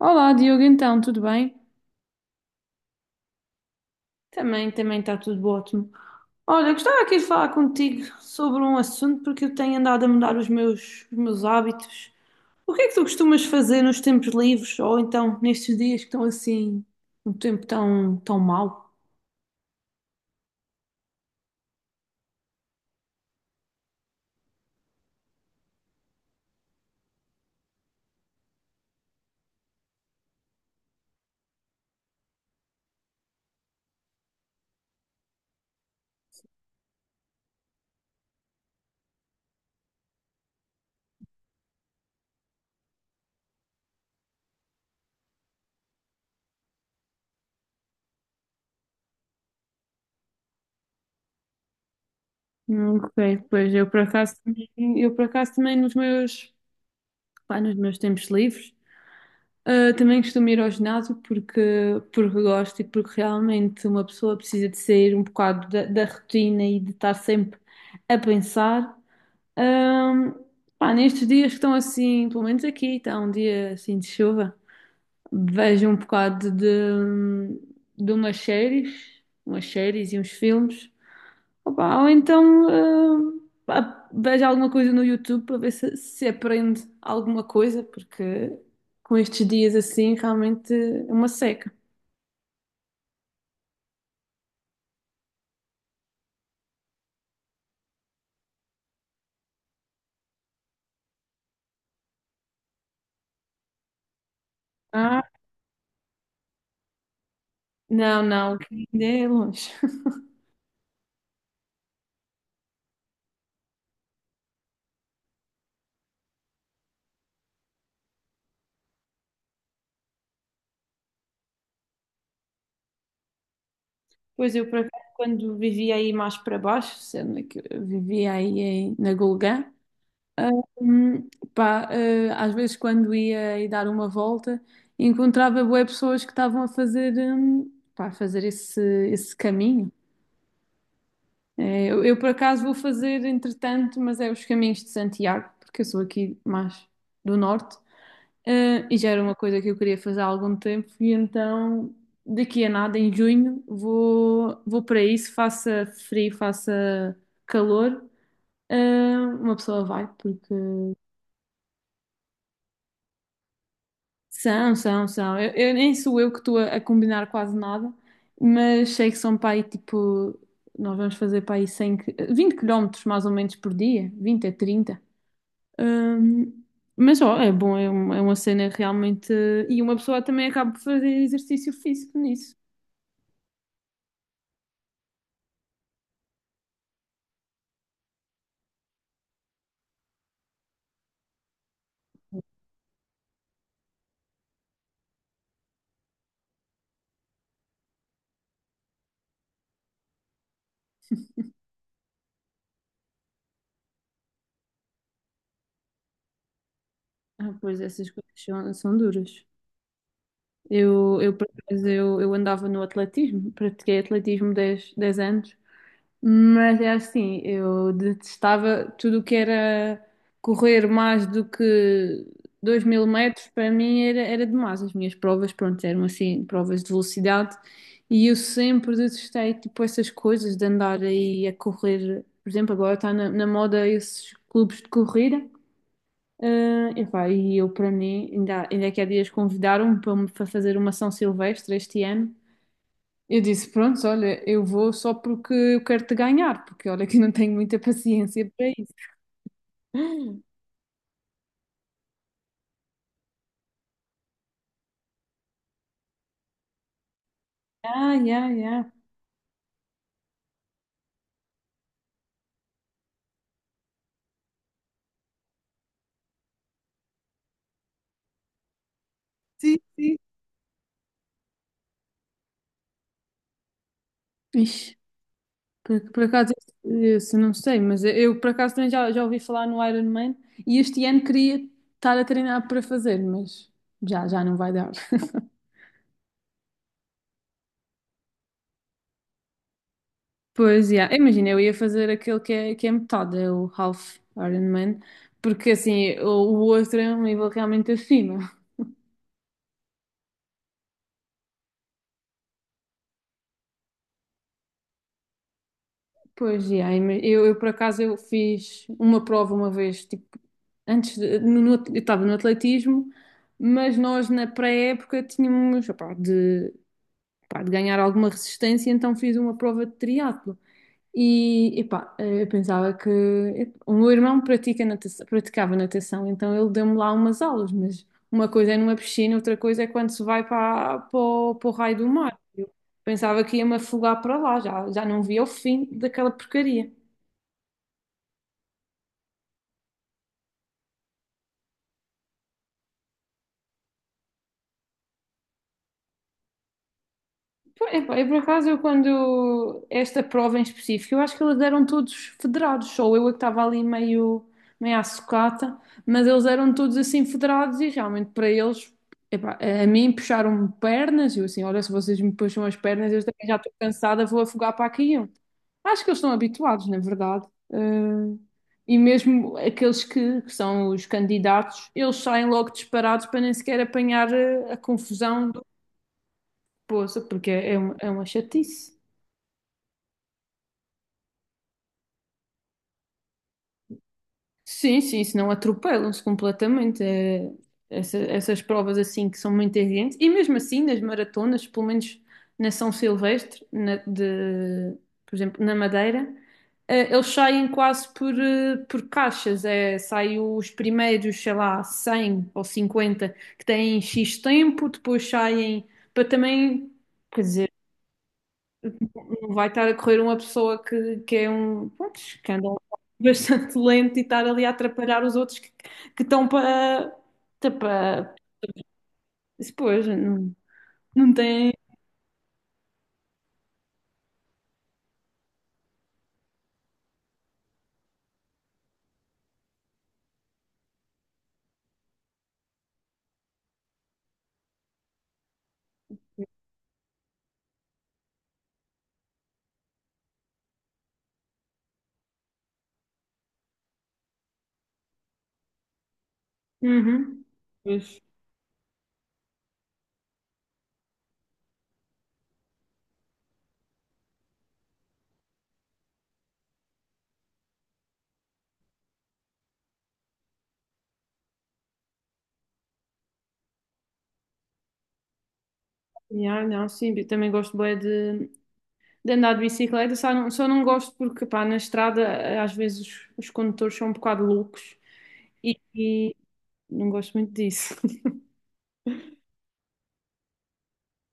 Olá, Diogo, então, tudo bem? Também está tudo ótimo. Olha, gostava aqui de falar contigo sobre um assunto porque eu tenho andado a mudar os meus hábitos. O que é que tu costumas fazer nos tempos livres ou então nestes dias que estão assim, um tempo tão, tão mau? Ok. Pois eu por acaso também pá, nos meus tempos livres. Ah, também costumo ir ao ginásio porque gosto e porque realmente uma pessoa precisa de sair um bocado da rotina e de estar sempre a pensar. Ahm, Pá, nestes dias que estão assim, pelo menos aqui, está um dia assim de chuva, vejo um bocado de umas séries e uns filmes. Opa, ou então pá, veja alguma coisa no YouTube para ver se aprende alguma coisa, porque com estes dias assim realmente é uma seca. Ah, não, não, que ainda é longe. Pois eu, por acaso, quando vivia aí mais para baixo, sendo que eu vivia aí na Gulgã, ah, hum, pá, às vezes quando ia aí dar uma volta, encontrava bué pessoas que estavam a fazer, pá, a fazer esse caminho. É, eu, por acaso vou fazer entretanto, mas é os caminhos de Santiago, porque eu sou aqui mais do norte. E já era uma coisa que eu queria fazer há algum tempo, e então daqui a nada, em junho, vou para isso, faça frio, faça calor. Uma pessoa vai, porque são, são, são. Eu nem sou eu que estou a combinar quase nada, mas sei que são para aí tipo. Nós vamos fazer para aí 100, 20 quilómetros mais ou menos por dia, 20 a 30. Hum, mas ó, é bom, é, é uma cena realmente. E uma pessoa também acaba por fazer exercício físico nisso. Ah, pois essas coisas são duras. Por acaso, eu andava no atletismo, pratiquei atletismo dez anos. Mas é assim, eu detestava tudo o que era correr mais do que 2000 metros, para mim era demais. As minhas provas, pronto, eram assim, provas de velocidade, e eu sempre detestei, tipo, essas coisas de andar aí a correr. Por exemplo, agora está na moda esses clubes de corrida. Ah, e pá, e eu, para mim, ainda, ainda que há dias convidaram-me para me fazer uma São Silvestre este ano. Eu disse, pronto, olha, eu vou só porque eu quero te ganhar, porque olha que eu não tenho muita paciência para isso. Ah, yeah, yeah. Sim, sim. Ixi, por acaso, isso não sei, mas por acaso também já ouvi falar no Ironman e este ano queria estar a treinar para fazer, mas já não vai dar. Pois, yeah. Imagina, eu ia fazer aquele que é metade, é o Half Ironman, porque assim, o outro é um nível realmente acima. Pois, e aí, mas eu por acaso eu fiz uma prova uma vez, tipo, antes de- no- no- eu estava no atletismo, mas nós na pré-época tínhamos, opá, pá, de ganhar alguma resistência, então fiz uma prova de triatlo. E, epá, eu pensava que o meu irmão pratica natação, praticava natação, então ele deu-me lá umas aulas, mas uma coisa é numa piscina, outra coisa é quando se vai para o raio do mar. Eu pensava que ia-me afogar para lá, já não via o fim daquela porcaria. Pô, epá, eu quando esta prova em específico, eu acho que eles eram todos federados, só eu é que estava ali meio à sucata, mas eles eram todos assim federados e realmente para eles, epá, a mim puxaram-me pernas, e eu assim, olha, se vocês me puxam as pernas, eu também já estou cansada, vou afogar para aqui. Eu. Acho que eles estão habituados, na verdade. Eh, e mesmo aqueles que são os candidatos, eles saem logo disparados para nem sequer apanhar a confusão. Poça, porque é uma chatice. Sim, sim, senão atropelam-se completamente. Essas provas assim que são muito exigentes. E mesmo assim, nas maratonas, pelo menos na São Silvestre, de, por exemplo, na Madeira, eles saem quase por caixas. É, saem os primeiros, sei lá, 100 ou 50 que têm X tempo, depois saem para também. Não vai estar a correr uma pessoa que é um, pronto, que anda bastante lento e estar ali a atrapalhar os outros que estão para, tá para, pois, não, não tem. Uhum. Pois. Yeah, não, sim, eu também gosto bem de andar de bicicleta, só não gosto porque, pá, na estrada às vezes os condutores são um bocado loucos e não gosto muito disso.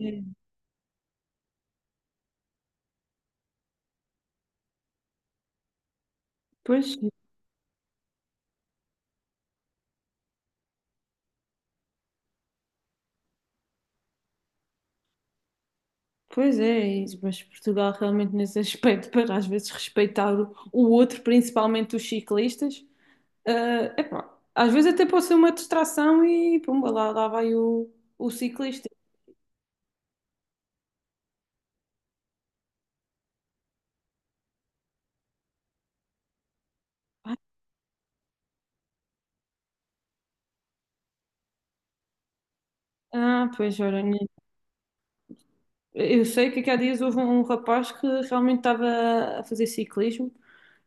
É. Pois, Pois, é isso, mas Portugal realmente nesse aspecto, para às vezes respeitar o outro, principalmente os ciclistas, epá, às vezes até pode ser uma distração e pumba, lá vai o ciclista. Ah, pois olha, né, eu sei que aqui há dias houve um rapaz que realmente estava a fazer ciclismo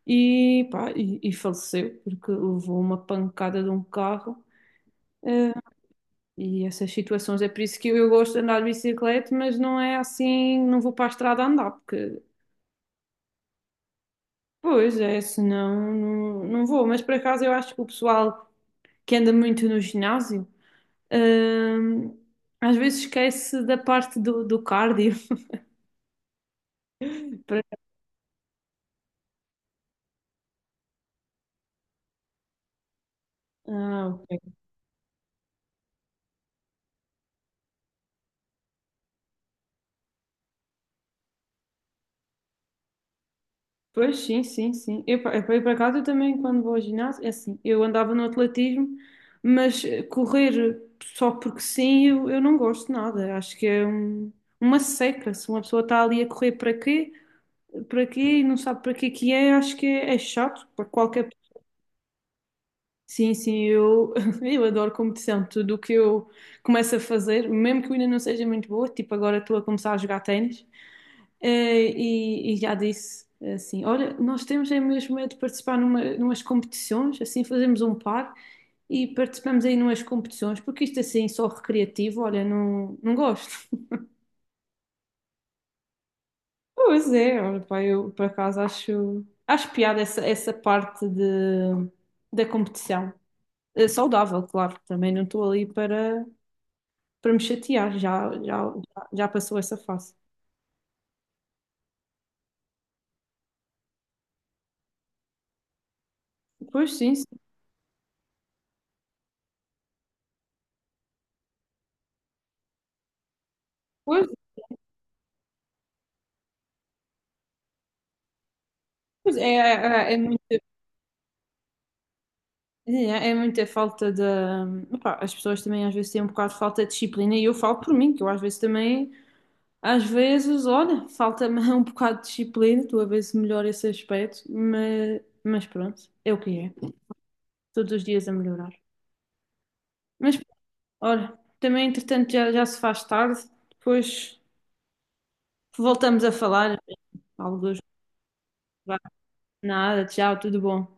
e, pá, e faleceu porque levou uma pancada de um carro. eh, e essas situações, é por isso que eu gosto de andar de bicicleta, mas não é assim, não vou para a estrada andar, porque pois é, senão não, não vou. Mas por acaso eu acho que o pessoal que anda muito no ginásio, hum, às vezes esquece da parte do cardio. Por- Ah, ok. Pois sim, sim, sim. Eu, por acaso eu também quando vou ao ginásio, é assim, eu andava no atletismo, mas correr só porque sim, eu não gosto de nada. Acho que é uma seca. Se uma pessoa está ali a correr para quê? Para quê e não sabe para quê que é, acho que é chato para qualquer. Sim, sim, eu, eu adoro competição. Tudo o que eu começo a fazer, mesmo que eu ainda não seja muito boa, tipo agora estou a começar a jogar ténis. E já disse assim: olha, nós temos é mesmo é de participar numas competições, assim fazemos um par e participamos aí numas competições, porque isto assim só recreativo, olha, não, não gosto. Pois é, olha, pá, eu por acaso acho piada essa parte da competição. Saudável, claro, também não estou ali para. Me chatear, já passou essa fase. Pois sim, sim. Pois, pois é, é muita falta de. Opá, as pessoas também às vezes têm um bocado de falta de disciplina e eu falo por mim, que eu às vezes também, às vezes, olha, falta-me um bocado de disciplina, tu a ver se melhora esse aspecto, mas, pronto, é o que é. Todos os dias a melhorar. Mas olha, também entretanto já se faz tarde, depois voltamos a falar. Alguns, vá, nada, tchau, tudo bom.